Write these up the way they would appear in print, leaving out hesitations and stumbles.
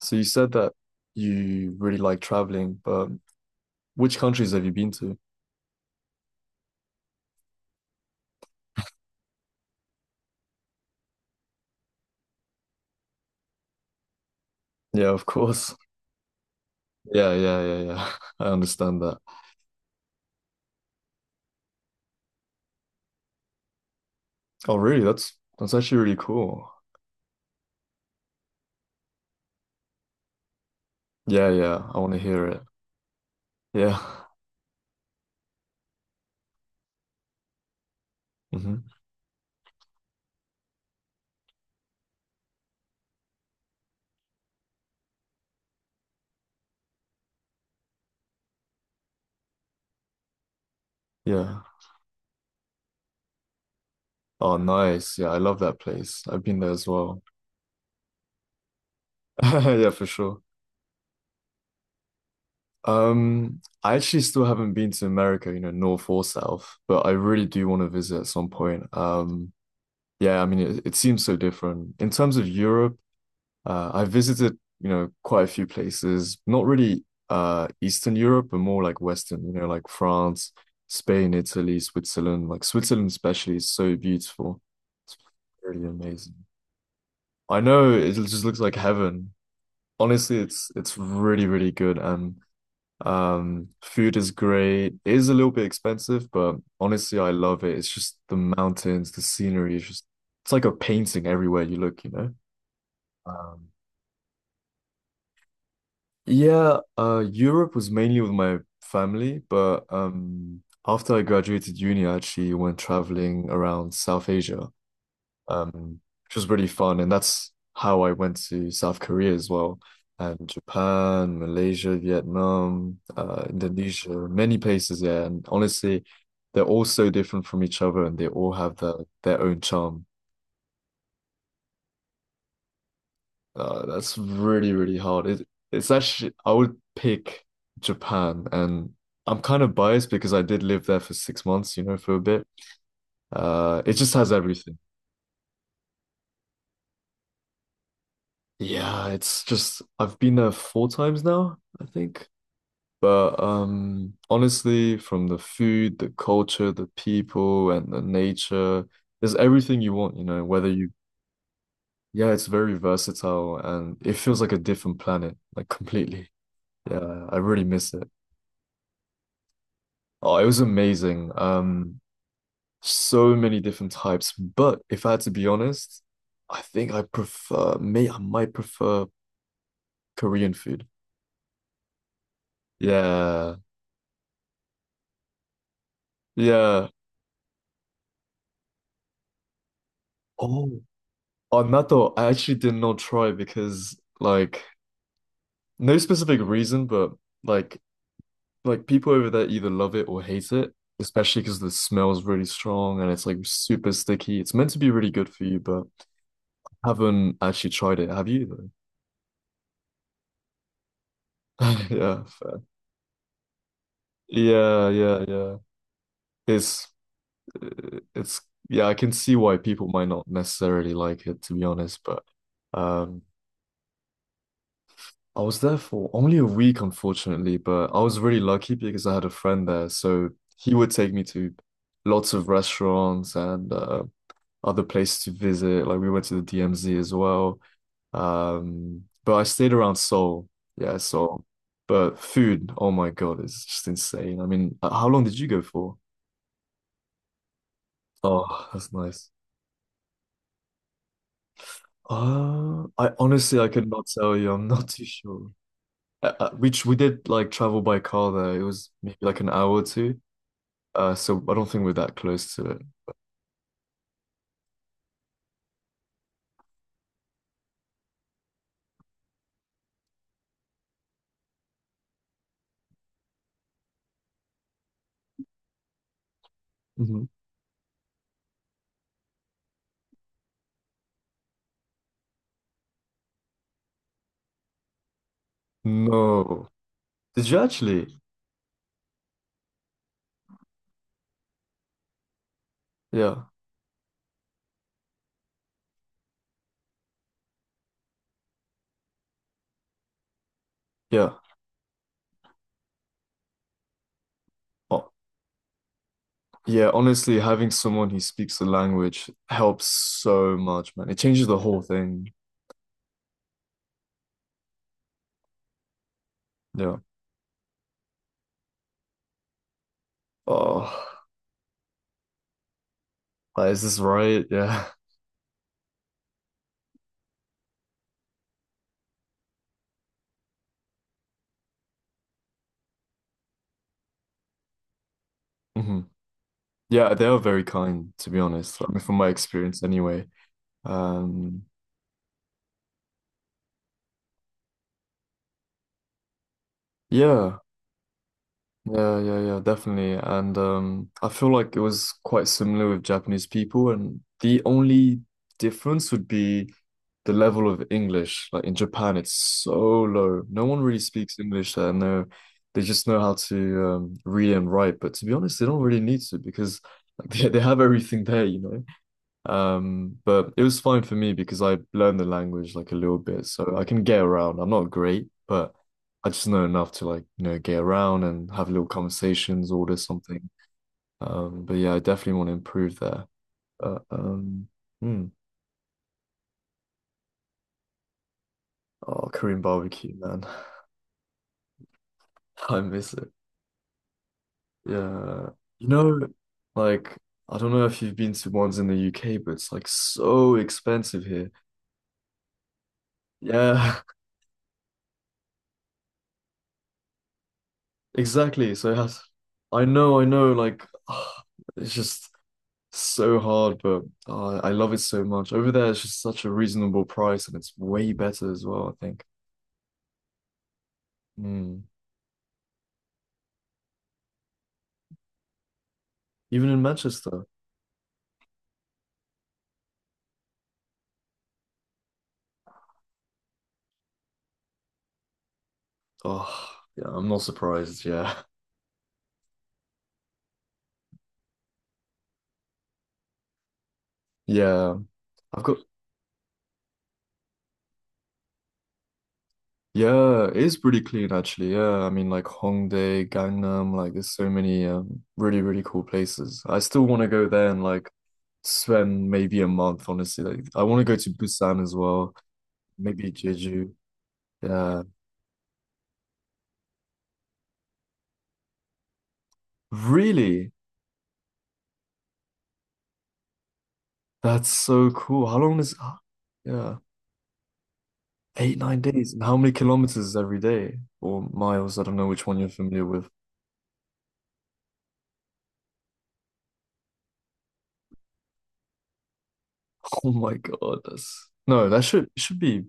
So you said that you really like traveling, but which countries have you been to? Yeah, of course. Yeah, yeah, yeah, yeah. I understand that. Oh, really? That's actually really cool. Yeah, yeah. I want to hear it. Yeah. hmm Yeah. Oh, nice. Yeah, I love that place. I've been there as well. Yeah, for sure. I actually still haven't been to America, you know, north or south, but I really do want to visit at some point. Yeah, I mean, it seems so different. In terms of Europe, I visited, you know, quite a few places, not really Eastern Europe, but more like Western, you know, like France, Spain, Italy, Switzerland. Like Switzerland especially is so beautiful. It's really amazing. I know, it just looks like heaven. Honestly, it's really, really good and food is great. It is a little bit expensive, but honestly, I love it. It's just the mountains, the scenery, it's just it's like a painting everywhere you look, you know. Um, Yeah, Europe was mainly with my family, but after I graduated uni, I actually went traveling around South Asia, um, which was really fun, and that's how I went to South Korea as well, and Japan, Malaysia, Vietnam, Indonesia, many places. Yeah, and honestly, they're all so different from each other, and they all have their own charm. That's really, really hard. It's actually, I would pick Japan, and I'm kind of biased because I did live there for 6 months, you know, for a bit. It just has everything. Yeah, it's just, I've been there four times now, I think. But honestly, from the food, the culture, the people, and the nature, there's everything you want, you know, whether you, yeah, it's very versatile and it feels like a different planet, like completely. Yeah, I really miss it. Oh, it was amazing. So many different types. But if I had to be honest, I think I might prefer Korean food. Yeah. Yeah. Oh, on that though, I actually did not try because like no specific reason, but like like people over there either love it or hate it, especially because the smell is really strong and it's like super sticky. It's meant to be really good for you, but haven't actually tried it. Have you though? Yeah. Yeah, yeah, yeah. It's it's yeah, I can see why people might not necessarily like it to be honest, but um I was there for only a week unfortunately, but I was really lucky because I had a friend there, so he would take me to lots of restaurants and other places to visit. Like we went to the DMZ as well. But I stayed around Seoul. Yeah, Seoul. But food, oh my God, it's just insane. I mean, how long did you go for? Oh, that's nice. I honestly I could not tell you. I'm not too sure. We did like travel by car there. It was maybe like an hour or two. So I don't think we're that close to it. Hmm No. Did you actually? Yeah. Yeah. Oh, yeah. Honestly, having someone who speaks the language helps so much, man. It changes the whole thing. Yeah. Oh, like, is this right? Yeah. hmm Yeah, they are very kind, to be honest. I mean, from my experience anyway. Um, yeah. Yeah, yeah, yeah, definitely. And I feel like it was quite similar with Japanese people, and the only difference would be the level of English. Like in Japan, it's so low. No one really speaks English there. No, they just know how to read and write. But to be honest, they don't really need to because like they have everything there, you know. But it was fine for me because I learned the language like a little bit, so I can get around. I'm not great, but I just know enough to like, you know, get around and have little conversations, order something. But yeah, I definitely want to improve there. But hmm. Oh, Korean barbecue, man. I miss it. Yeah. You know, like I don't know if you've been to ones in the UK, but it's like so expensive here. Yeah. Exactly. I know, like it's just so hard, but I love it so much. Over there, it's just such a reasonable price and it's way better as well, I think. Mm. Even in Manchester. Oh, yeah, I'm not surprised. Yeah. Yeah. I've got, yeah, it is pretty clean actually. Yeah. I mean, like Hongdae, Gangnam, like there's so many really, really cool places. I still want to go there and like spend maybe a month, honestly. Like, I want to go to Busan as well. Maybe Jeju. Yeah. Really? That's so cool. How long is, yeah. Eight, 9 days. And how many kilometers every day? Or miles? I don't know which one you're familiar with. Oh my God, that's no, that should be,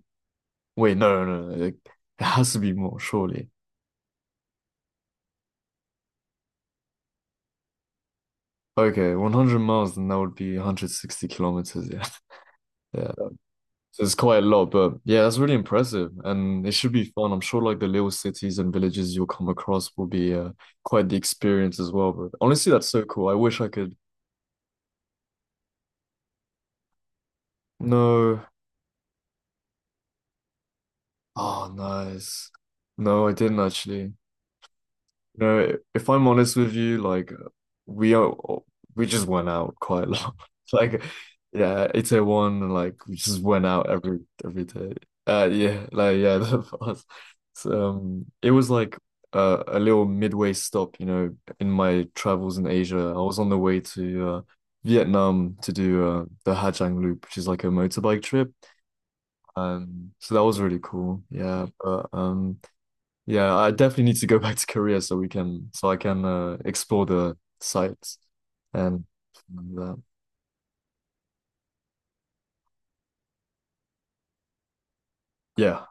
wait, no, no, no. It has to be more, surely. Okay, 100 miles, then that would be 160 kilometers, yeah. Yeah. So it's quite a lot, but yeah, that's really impressive, and it should be fun. I'm sure like the little cities and villages you'll come across will be quite the experience as well. But honestly, that's so cool. I wish I could. No, oh, nice. No, I didn't actually. You know, if I'm honest with you, like we are, we just went out quite a lot. Like, yeah, it's a one, like we just went out every day. Yeah, like yeah, that was. So, it was like a little midway stop, you know, in my travels in Asia. I was on the way to Vietnam to do the Hà Giang Loop, which is like a motorbike trip. So that was really cool. Yeah, but. Yeah, I definitely need to go back to Korea so I can explore the sites and that. Yeah.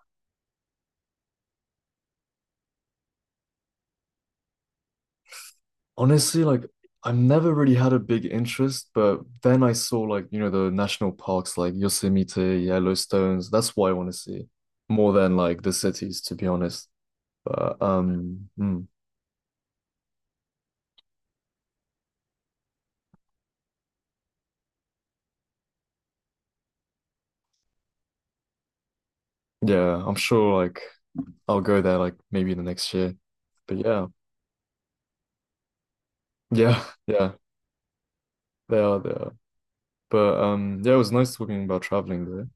Honestly, like I've never really had a big interest, but then I saw like, you know, the national parks like Yosemite, Yellowstones. That's what I want to see more than like the cities, to be honest. But mm, yeah, I'm sure like I'll go there like maybe the next year. But yeah. Yeah, yeah. They are, they are. But yeah, it was nice talking about traveling though.